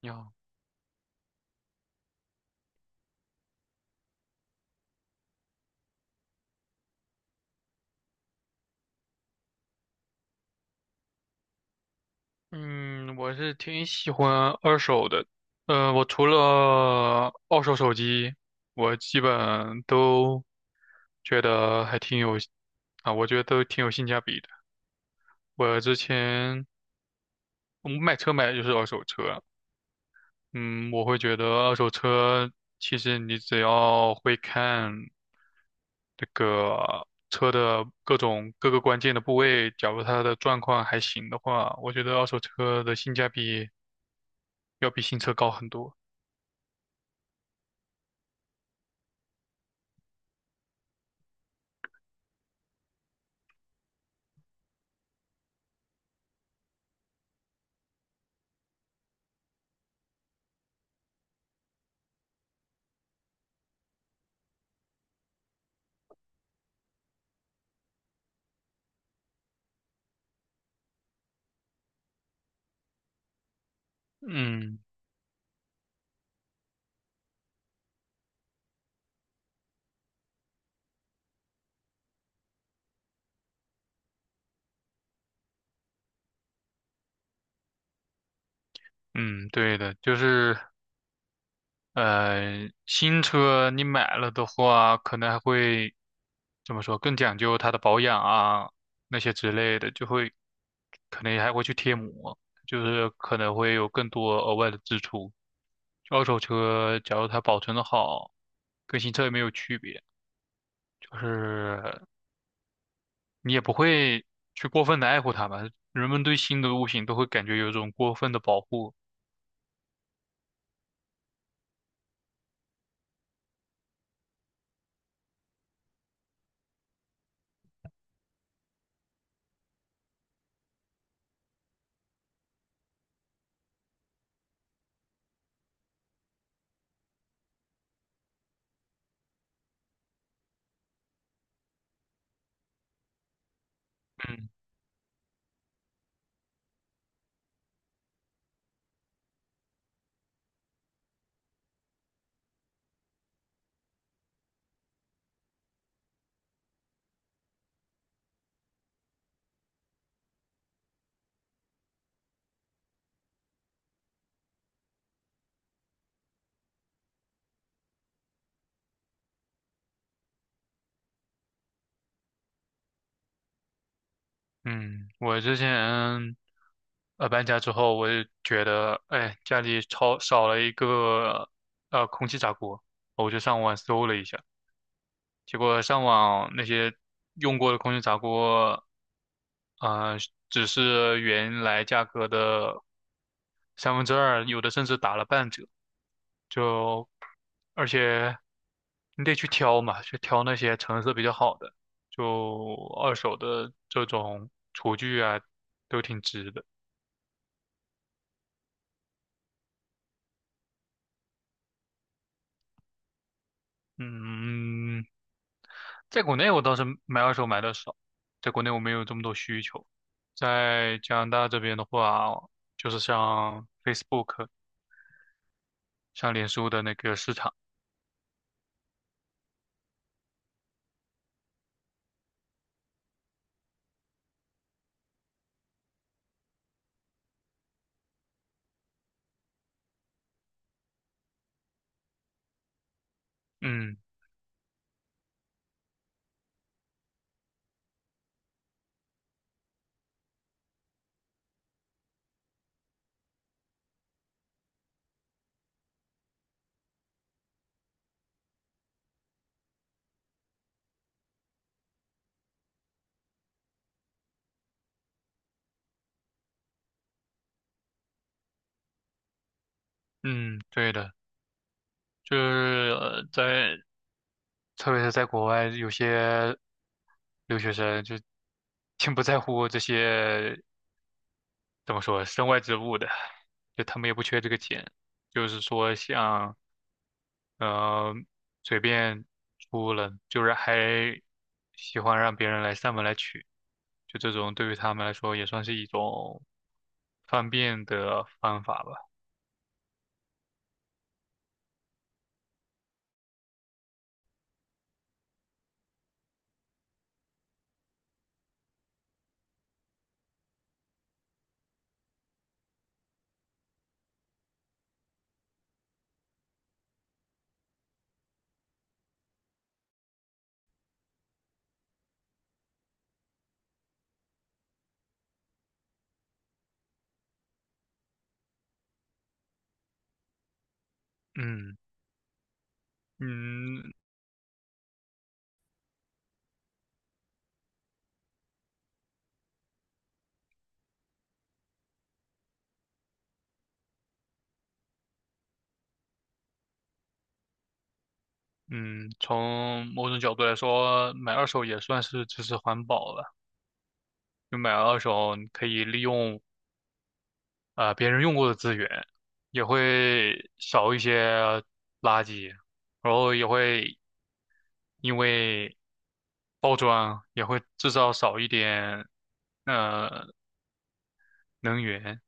你好。嗯，我是挺喜欢二手的，我除了二手手机，我基本都觉得还挺有，啊，我觉得都挺有性价比的。我之前我买车买的就是二手车。嗯，我会觉得二手车其实你只要会看这个车的各种各个关键的部位，假如它的状况还行的话，我觉得二手车的性价比要比新车高很多。嗯嗯，对的，就是新车你买了的话，可能还会怎么说，更讲究它的保养啊，那些之类的，就会可能还会去贴膜，就是可能会有更多额外的支出。二手车假如它保存的好，跟新车也没有区别，就是你也不会去过分的爱护它吧。人们对新的物品都会感觉有一种过分的保护。嗯。嗯，我之前搬家之后，我就觉得，哎，家里超少了一个空气炸锅，我就上网搜了一下，结果上网那些用过的空气炸锅，呃，只是原来价格的三分之二，有的甚至打了半折。就而且你得去挑嘛，去挑那些成色比较好的，就二手的这种厨具啊，都挺值的。嗯，在国内我倒是买二手买的少，在国内我没有这么多需求。在加拿大这边的话，就是像 Facebook、像脸书的那个市场。嗯嗯，对的，就是在特别是在国外，有些留学生就挺不在乎这些，怎么说，身外之物的，就他们也不缺这个钱，就是说像呃随便出了，就是还喜欢让别人来上门来取，就这种对于他们来说也算是一种方便的方法吧。嗯嗯嗯，从某种角度来说，买二手也算是支持环保了。就买二手，你可以利用啊、别人用过的资源，也会少一些垃圾，然后也会因为包装也会制造少一点呃能源，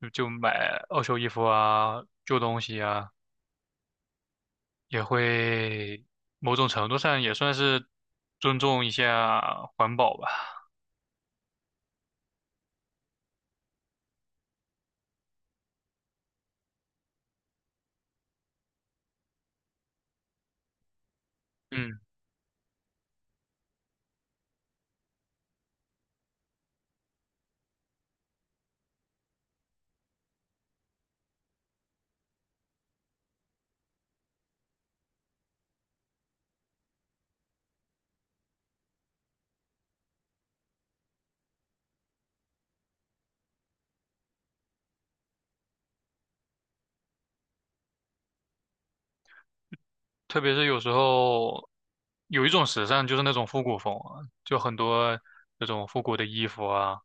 就买二手衣服啊、旧东西啊，也会某种程度上也算是尊重一下环保吧。嗯。特别是有时候有一种时尚就是那种复古风啊就很多那种复古的衣服啊，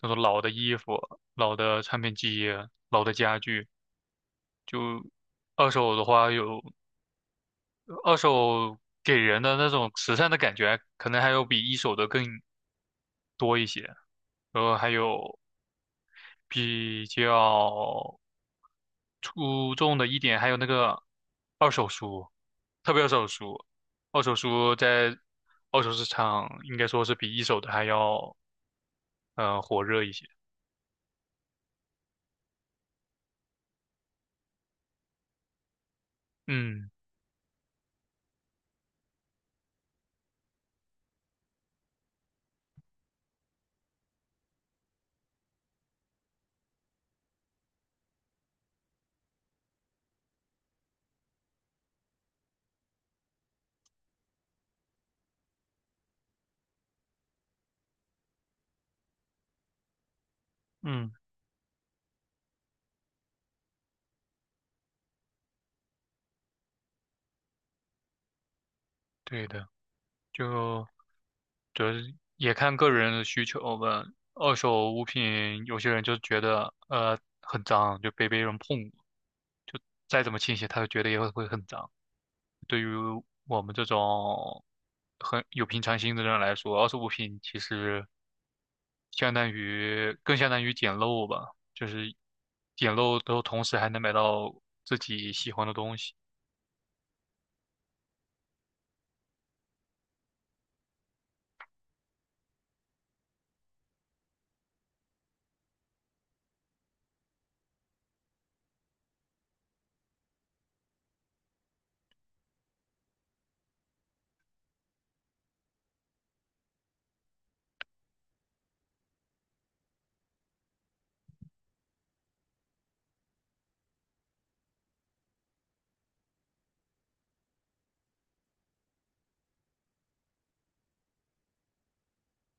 那种老的衣服、老的唱片机、老的家具，就二手的话有二手给人的那种时尚的感觉，可能还有比一手的更多一些。然后还有比较出众的一点，还有那个二手书。特别二手书，二手书在二手市场应该说是比一手的还要火热一些。嗯嗯，对的，就主要是也看个人的需求吧。二手物品，有些人就觉得很脏，就被别人碰过，就再怎么清洗，他都觉得也会很脏。对于我们这种很有平常心的人来说，二手物品其实相当于捡漏吧，就是捡漏都同时还能买到自己喜欢的东西。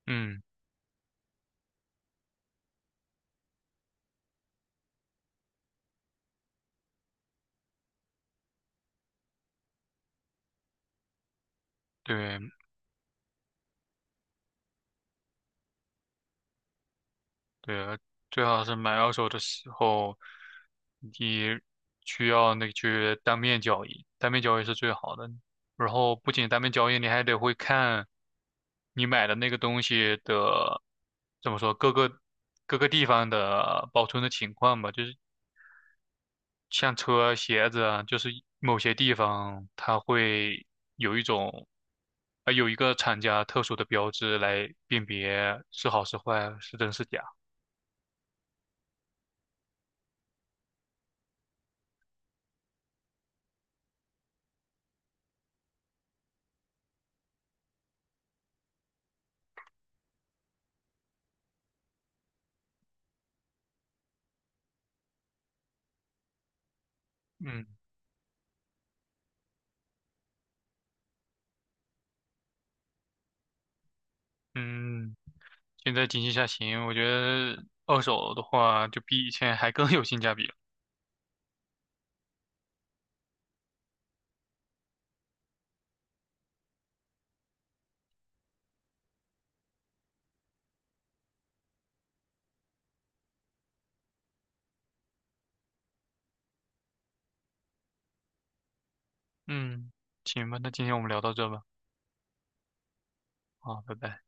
嗯，对。对啊，最好是买二手的时候，你需要那个去当面交易，当面交易是最好的。然后不仅当面交易，你还得会看你买的那个东西的，怎么说，各个地方的保存的情况吧。就是像车、鞋子啊，就是某些地方它会有一种，啊、有一个厂家特殊的标志来辨别是好是坏，是真是假。嗯嗯。现在经济下行，我觉得二手的话就比以前还更有性价比了。嗯，行吧，那今天我们聊到这吧，好，拜拜。